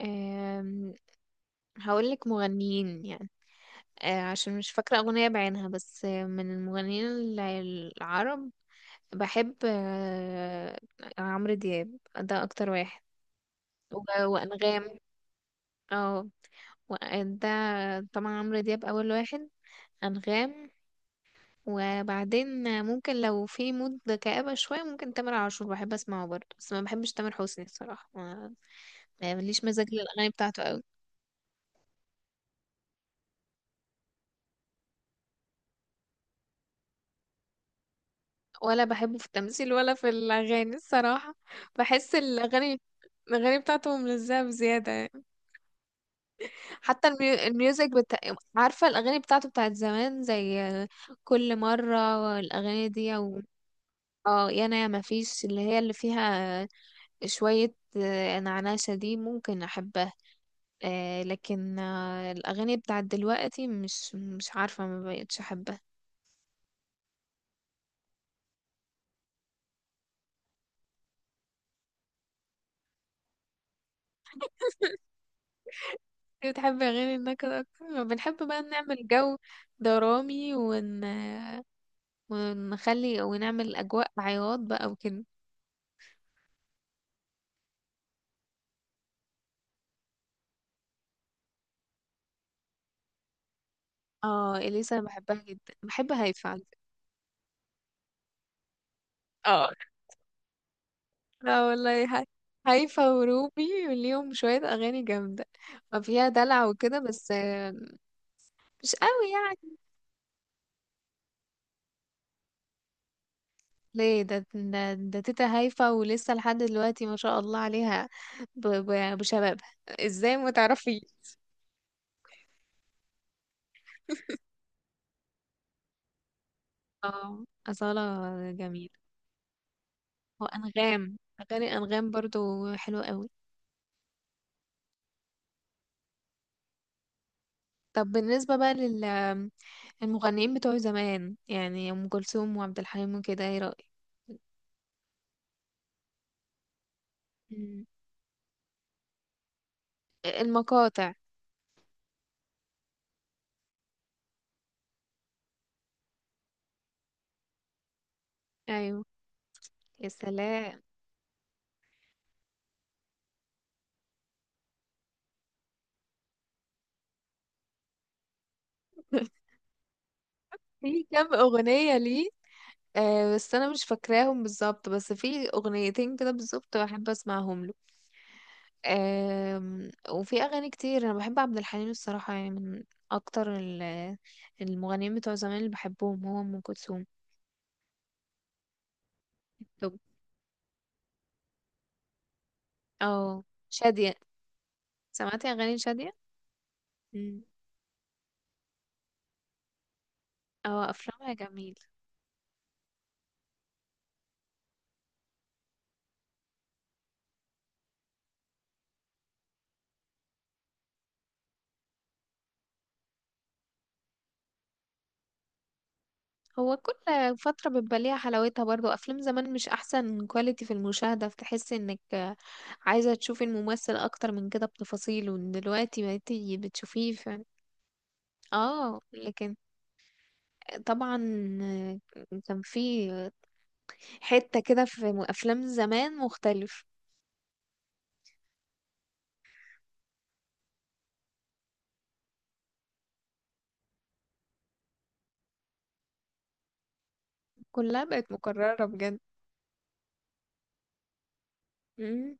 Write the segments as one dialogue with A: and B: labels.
A: أم، هقولك مغنيين يعني. عشان مش فاكرة أغنية بعينها، بس من المغنيين ال- العرب. بحب عمرو دياب، ده أكتر واحد، و- وأنغام. اه، و- ده طبعا عمرو دياب أول واحد، أنغام، وبعدين ممكن لو في مود كآبة شوية ممكن تامر عاشور بحب أسمعه برضه. بس ما بحبش تامر حسني الصراحة، يعني ماليش مزاج للأغاني بتاعته أوي. ولا بحبه في التمثيل ولا في الأغاني الصراحة. بحس الأغاني بتاعته ملزقة بزيادة يعني. حتى الميوزك عارفة الأغاني بتاعته بتاعت زمان، زي كل مرة الأغاني دي اه، يا انا يا ما فيش اللي هي اللي فيها. شوية نعناشة دي ممكن أحبها. لكن الأغاني بتاعت دلوقتي مش عارفة، ما بقتش أحبها. بتحب أغاني النكد أكتر، بنحب بقى نعمل جو درامي، ون ونخلي ونعمل أجواء عياط بقى وكده. اه، إليسا بحبها جدا، بحب هايفا على فكرة. اه، لا والله، هايفا وروبي ليهم شوية أغاني جامدة، فيها دلع وكده، بس مش قوي يعني. ليه؟ ده تيتا هايفا، ولسه لحد دلوقتي ما شاء الله عليها بشبابها، ازاي ما تعرفي. اه، أصالة جميلة. وأنغام، أغاني أنغام برضو حلوة قوي. طب بالنسبة بقى المغنيين بتوع زمان، يعني أم كلثوم وعبد الحليم وكده، ايه رأيك؟ مم. المقاطع. أيوه. يا سلام. في كام أغنية ليه، بس أنا مش فاكراهم بالظبط، بس في أغنيتين كده بالظبط بحب أسمعهم له. آه وفي أغاني كتير أنا بحب عبد الحليم الصراحة، يعني من أكتر المغنيين بتوع زمان اللي بحبهم، هو أم كلثوم. طب. اه، شادية. سمعتي أغاني شادية؟ مم. اه، افلامها جميل. هو كل فترة بيبقى ليها حلاوتها برضو. افلام زمان مش احسن كواليتي في المشاهدة، فتحس انك عايزة تشوفي الممثل اكتر من كده بتفاصيله. دلوقتي بقيتي بتشوفيه اه، لكن طبعا كان في حتة كده في افلام زمان مختلف. كلها بقت مكررة بجد. مم.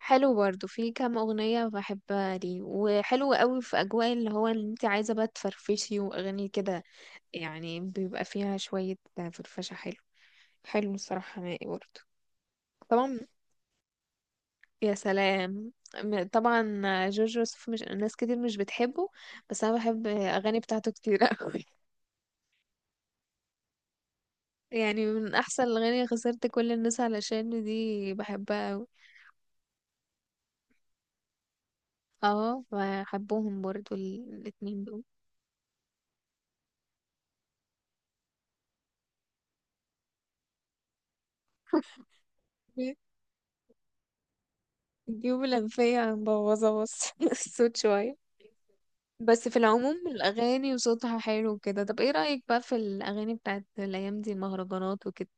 A: حلو برضو، في كام أغنية بحبها لي، وحلو قوي في أجواء اللي هو اللي انت عايزة بقى تفرفشي وأغاني كده، يعني بيبقى فيها شوية فرفشة. حلو. حلو الصراحة نهائي برضه. طبعا. يا سلام. طبعا. جورج وسوف مش ناس كتير مش بتحبه، بس أنا بحب أغاني بتاعته كتير أوي. يعني من أحسن الأغاني خسرت كل الناس، علشان دي بحبها أوي. اه، بحبهم برضه الاتنين دول. الجيوب الأنفية مبوظة بس، الصوت شوية. بس في العموم الأغاني وصوتها حلو كده. طب ايه رأيك بقى في الأغاني بتاعت الأيام دي، المهرجانات وكده؟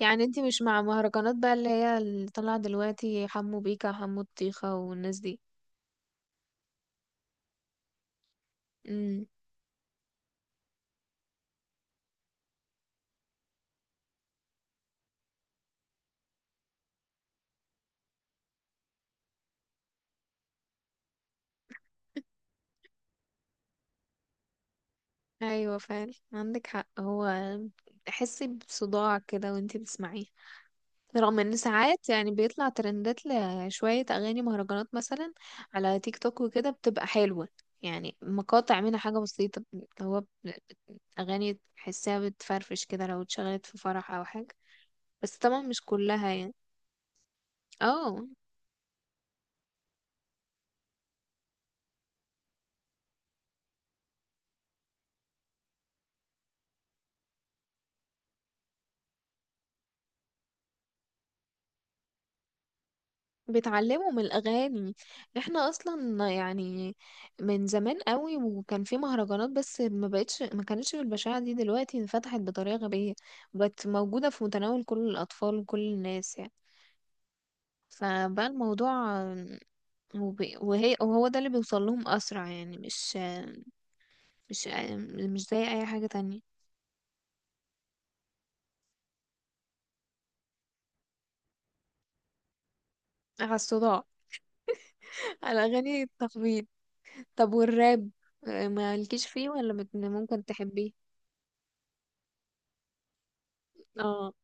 A: يعني انتي مش مع مهرجانات بقى اللي هي اللي طالعة دلوقتي، حمو بيكا وحمو الطيخة والناس دي؟ امم. ايوه فعلا عندك حق. هو تحسي بصداع كده وانتي بتسمعيه. رغم ان ساعات يعني بيطلع ترندات لشوية اغاني مهرجانات مثلا على تيك توك وكده، بتبقى حلوة، يعني مقاطع منها حاجة بسيطة. هو اغاني تحسيها بتفرفش كده لو اتشغلت في فرح او حاجة، بس طبعا مش كلها يعني. اه، بيتعلموا من الأغاني. احنا أصلا يعني من زمان قوي وكان في مهرجانات، بس ما بقتش، ما كانتش بالبشاعة دي. دلوقتي انفتحت بطريقة غبية، بقت موجودة في متناول كل الأطفال وكل الناس يعني، فبقى الموضوع وهي وهو ده اللي بيوصل لهم أسرع يعني، مش مش زي أي حاجة تانية. على الصداع. على أغاني التخبيط. طب والراب، ما لكيش فيه، ولا ممكن تحبيه؟ اه،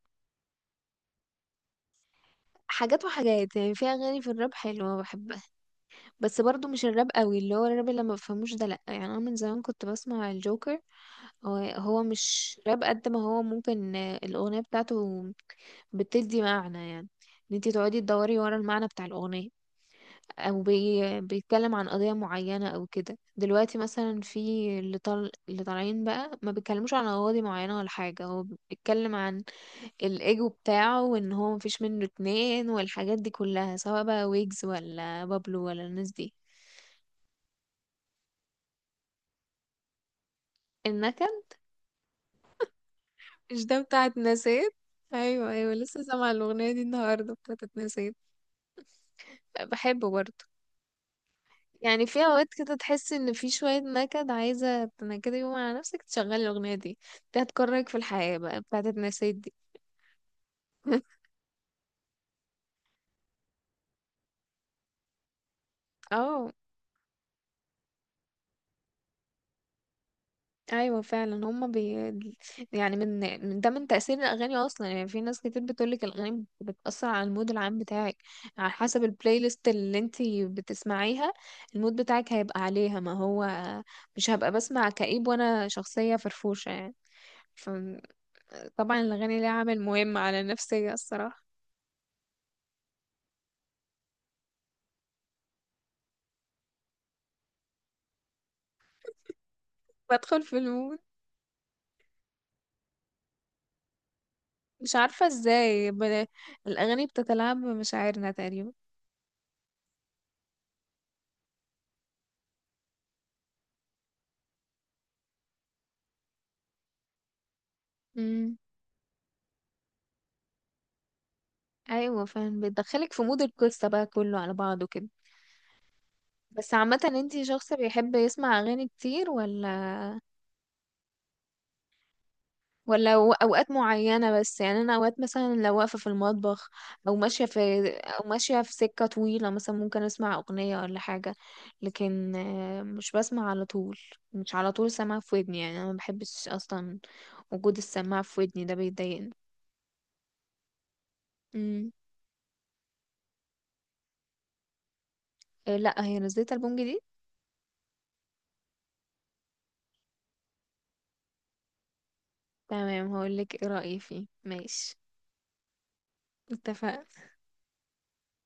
A: حاجات وحاجات، يعني في اغاني في الراب حلوه بحبها، بس برضو مش الراب قوي، اللي هو الراب اللي ما بفهموش ده لا، يعني انا من زمان كنت بسمع الجوكر. هو مش راب قد ما هو ممكن، الاغنيه بتاعته بتدي معنى يعني، ان انتي تقعدي تدوري ورا المعنى بتاع الاغنيه، او بيتكلم عن قضيه معينه او كده. دلوقتي مثلا في اللي طالعين بقى ما بيتكلموش عن قضايا معينه ولا حاجه، هو بيتكلم عن الايجو بتاعه، وان هو مفيش منه اتنين والحاجات دي كلها، سواء بقى ويجز ولا بابلو ولا الناس دي. النكد. مش ده بتاع اتنسيت؟ ايوه، ايوه، لسه سامعه الاغنيه دي النهارده بتاعت اتنسيت. بحبه برضه، يعني في اوقات كده تحس ان في شوية نكد، عايزة تنكدي يوم على نفسك تشغلي الاغنية دي. دي هتكرهك في الحياة بقى، بتاعت النسيت دي. اه. ايوه فعلا، هما يعني، من ده، من تأثير الاغاني اصلا يعني. في ناس كتير بتقولك الاغاني بتأثر على المود العام بتاعك، على حسب البلاي ليست اللي انتي بتسمعيها. المود بتاعك هيبقى عليها، ما هو مش هبقى بسمع كئيب وانا شخصية فرفوشة يعني. فطبعا الاغاني ليها عامل مهم على النفسية الصراحة. بدخل في المود. مش عارفة ازاي الاغاني بتتلاعب بمشاعرنا تقريبا. امم. ايوه فعلا، بتدخلك في مود القصة بقى كله على بعضه كده. بس عامة، انتي شخص بيحب يسمع اغاني كتير، ولا اوقات معينة بس؟ يعني انا اوقات مثلا لو واقفة في المطبخ، او ماشية في سكة طويلة مثلا، ممكن اسمع اغنية ولا حاجة، لكن مش بسمع على طول. مش على طول سامعة في ودني، يعني انا ما بحبش اصلا وجود السماعة في ودني، ده بيضايقني. امم. إيه، لا هي نزلت ألبوم جديد. تمام، هقولك ايه رأيي فيه، ماشي. اتفقنا.